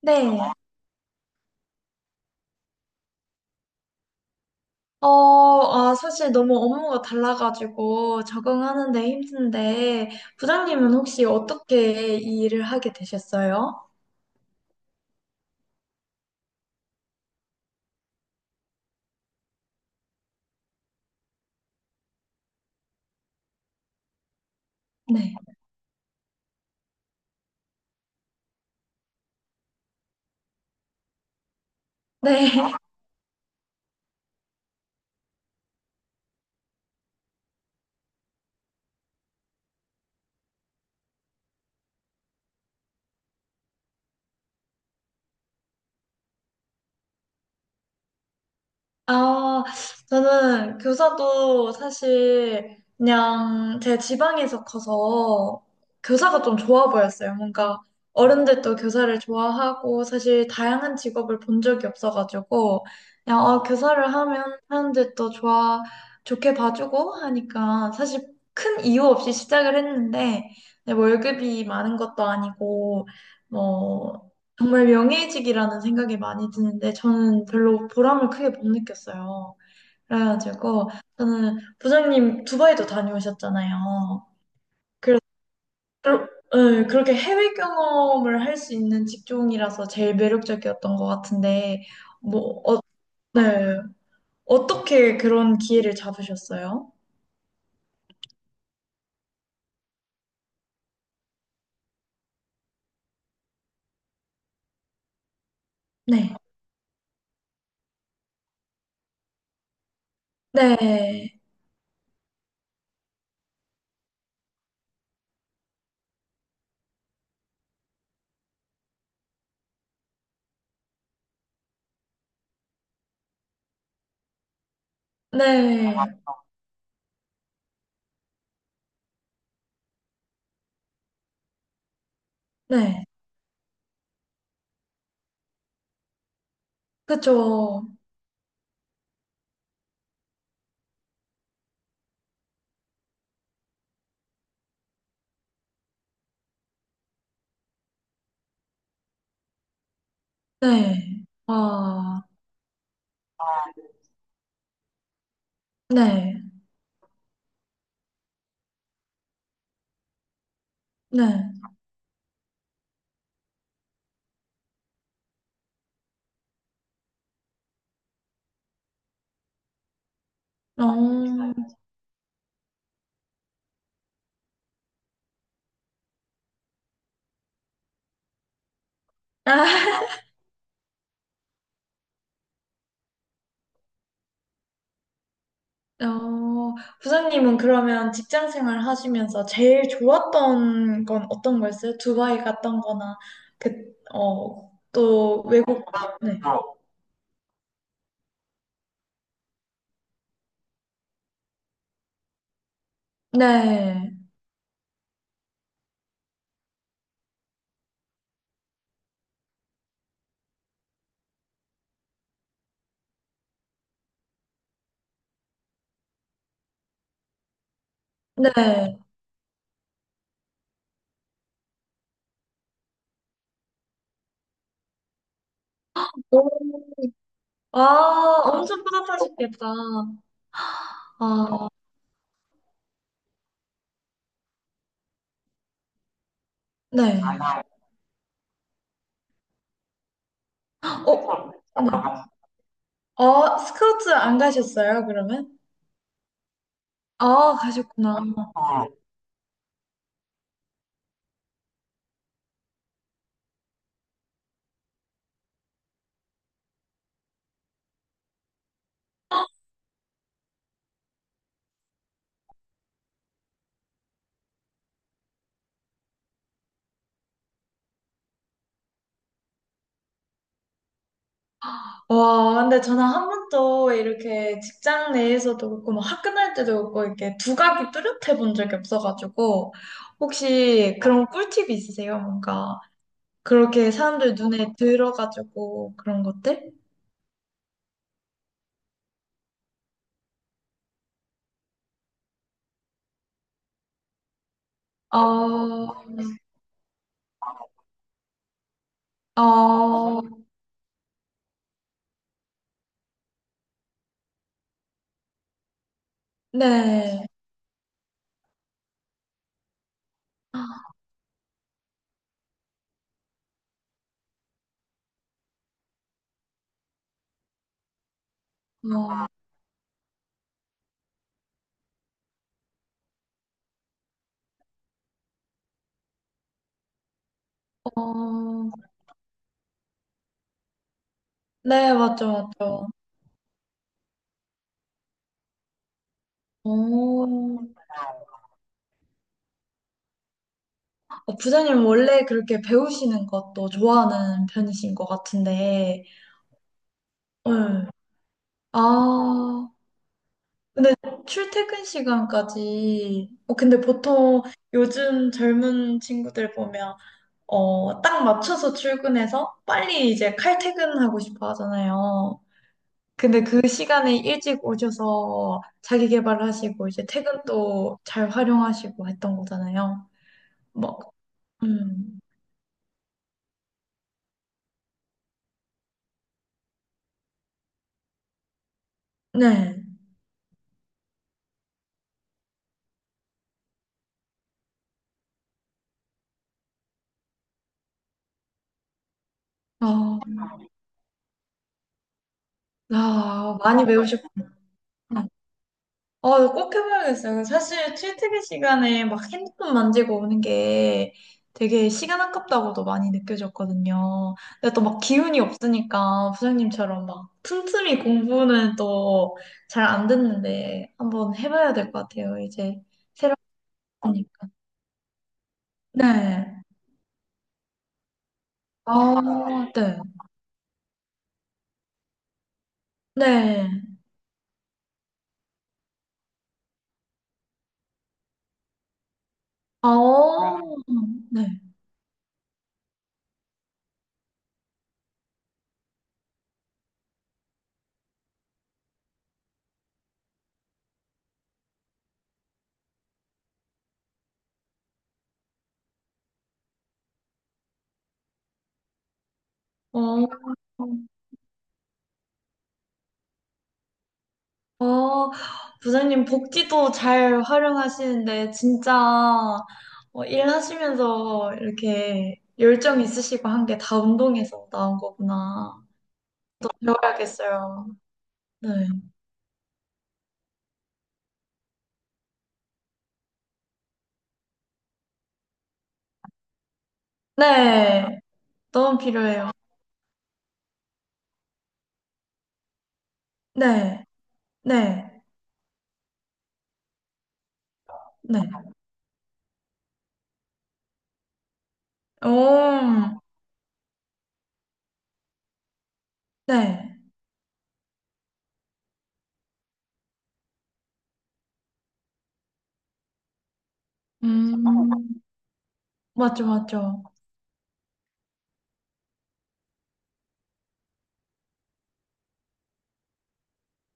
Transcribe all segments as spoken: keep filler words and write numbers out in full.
네. 어, 아, 사실 너무 업무가 달라가지고 적응하는데 힘든데, 부장님은 혹시 어떻게 이 일을 하게 되셨어요? 네. 네. 아, 저는 교사도 사실 그냥 제 지방에서 커서 교사가 좀 좋아 보였어요. 뭔가 어른들도 교사를 좋아하고 사실 다양한 직업을 본 적이 없어가지고 그냥 어, 교사를 하면 사람들도 좋아, 좋게 봐주고 하니까 사실 큰 이유 없이 시작을 했는데 뭐 월급이 많은 것도 아니고 뭐 정말 명예의이라는 생각이 많이 드는데 저는 별로 보람을 크게 못 느꼈어요. 그래가지고 저는 부장님 두바이도 다녀오셨잖아요. 그래서 그러- 예, 그렇게 해외 경험을 할 수 있는 직종이라서 제일 매력적이었던 것 같은데 뭐 어, 네. 어떻게 그런 기회를 잡으셨어요? 네. 네. 네. 네. 그쵸. 네. 아. 네. 네. 어. 어, 부장님은 그러면 직장 생활 하시면서 제일 좋았던 건 어떤 거였어요? 두바이 갔던 거나, 그, 어, 또 외국, 네. 네. 네. 오, 아, 엄청 뿌듯하셨겠다. 아, 네. 어, 네. 어, 스카우트 안 가셨어요, 그러면? 아, 가셨구나. 와, 근데 저는 한 번도 이렇게 직장 내에서도 그렇고, 뭐 학교 다닐 때도 그렇고, 이렇게 두각이 뚜렷해 본 적이 없어가지고, 혹시 그런 꿀팁이 있으세요? 뭔가, 그렇게 사람들 눈에 들어가지고, 그런 것들? 어, 어, 네. 어, 어, 네, 맞죠, 맞죠. 오, 어, 부장님 원래 그렇게 배우시는 것도 좋아하는 편이신 것 같은데, 응. 아, 근데 출퇴근 시간까지, 어, 근데 보통 요즘 젊은 친구들 보면, 어, 딱 맞춰서 출근해서 빨리 이제 칼퇴근하고 싶어 하잖아요. 근데 그 시간에 일찍 오셔서 자기 개발하시고, 이제 퇴근도 잘 활용하시고 했던 거잖아요. 막, 음, 네. 아, 아, 많이 배우셨구나. 아, 이거 꼭 해봐야겠어요. 사실 출퇴근 시간에 막 핸드폰 만지고 오는 게 되게 시간 아깝다고도 많이 느껴졌거든요. 근데 또 막 기운이 없으니까 부장님처럼 막 틈틈이 공부는 또 잘 안 됐는데 한번 해봐야 될 것 같아요. 이제 새로으니까 네. 아, 네. 네. 아, 네. 어. 어, 부장님 복지도 잘 활용하시는데 진짜 어, 일하시면서 이렇게 열정 있으시고 한 게 다 운동에서 나온 거구나. 배워야겠어요. 네. 네. 너무 필요해요. 네. 네. 네. 오, 네. 음, 맞죠, 맞죠.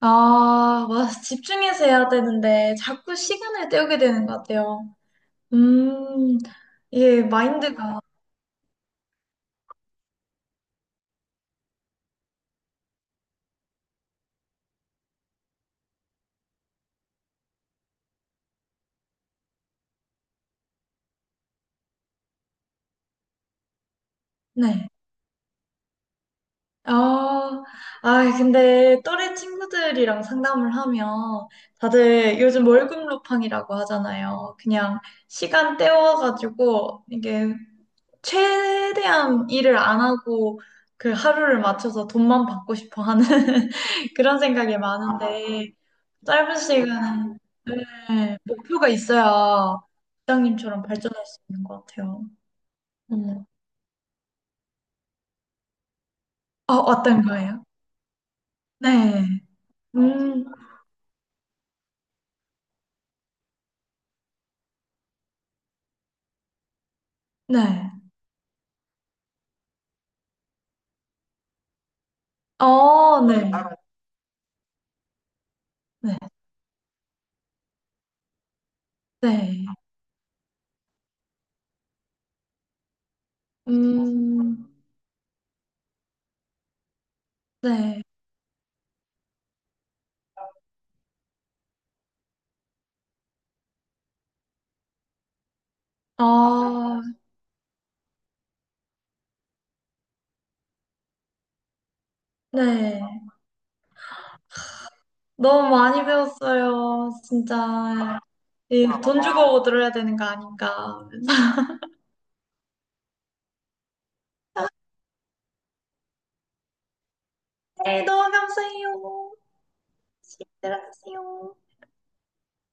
아, 와, 집중해서 해야 되는데 자꾸 시간을 때우게 되는 것 같아요. 음, 이게 마인드가, 네. 아, 아, 근데 또래 친구들이랑 상담을 하면 다들 요즘 월급 루팡이라고 하잖아요. 그냥 시간 때워가지고 이게 최대한 일을 안 하고 그 하루를 맞춰서 돈만 받고 싶어 하는 그런 생각이 많은데 짧은 시간에 네, 목표가 있어야 부장님처럼 발전할 수 있는 것 같아요. 음. 아, 어떤 거예요? 네. 음, 네. 어, 네. 네. 네. 음, 음, 네. 아, 네. 너무 많이 배웠어요. 진짜. 이 돈 주고 들어야 되는 거 아닌가. 네, 너무 감사해요. 들어가세요.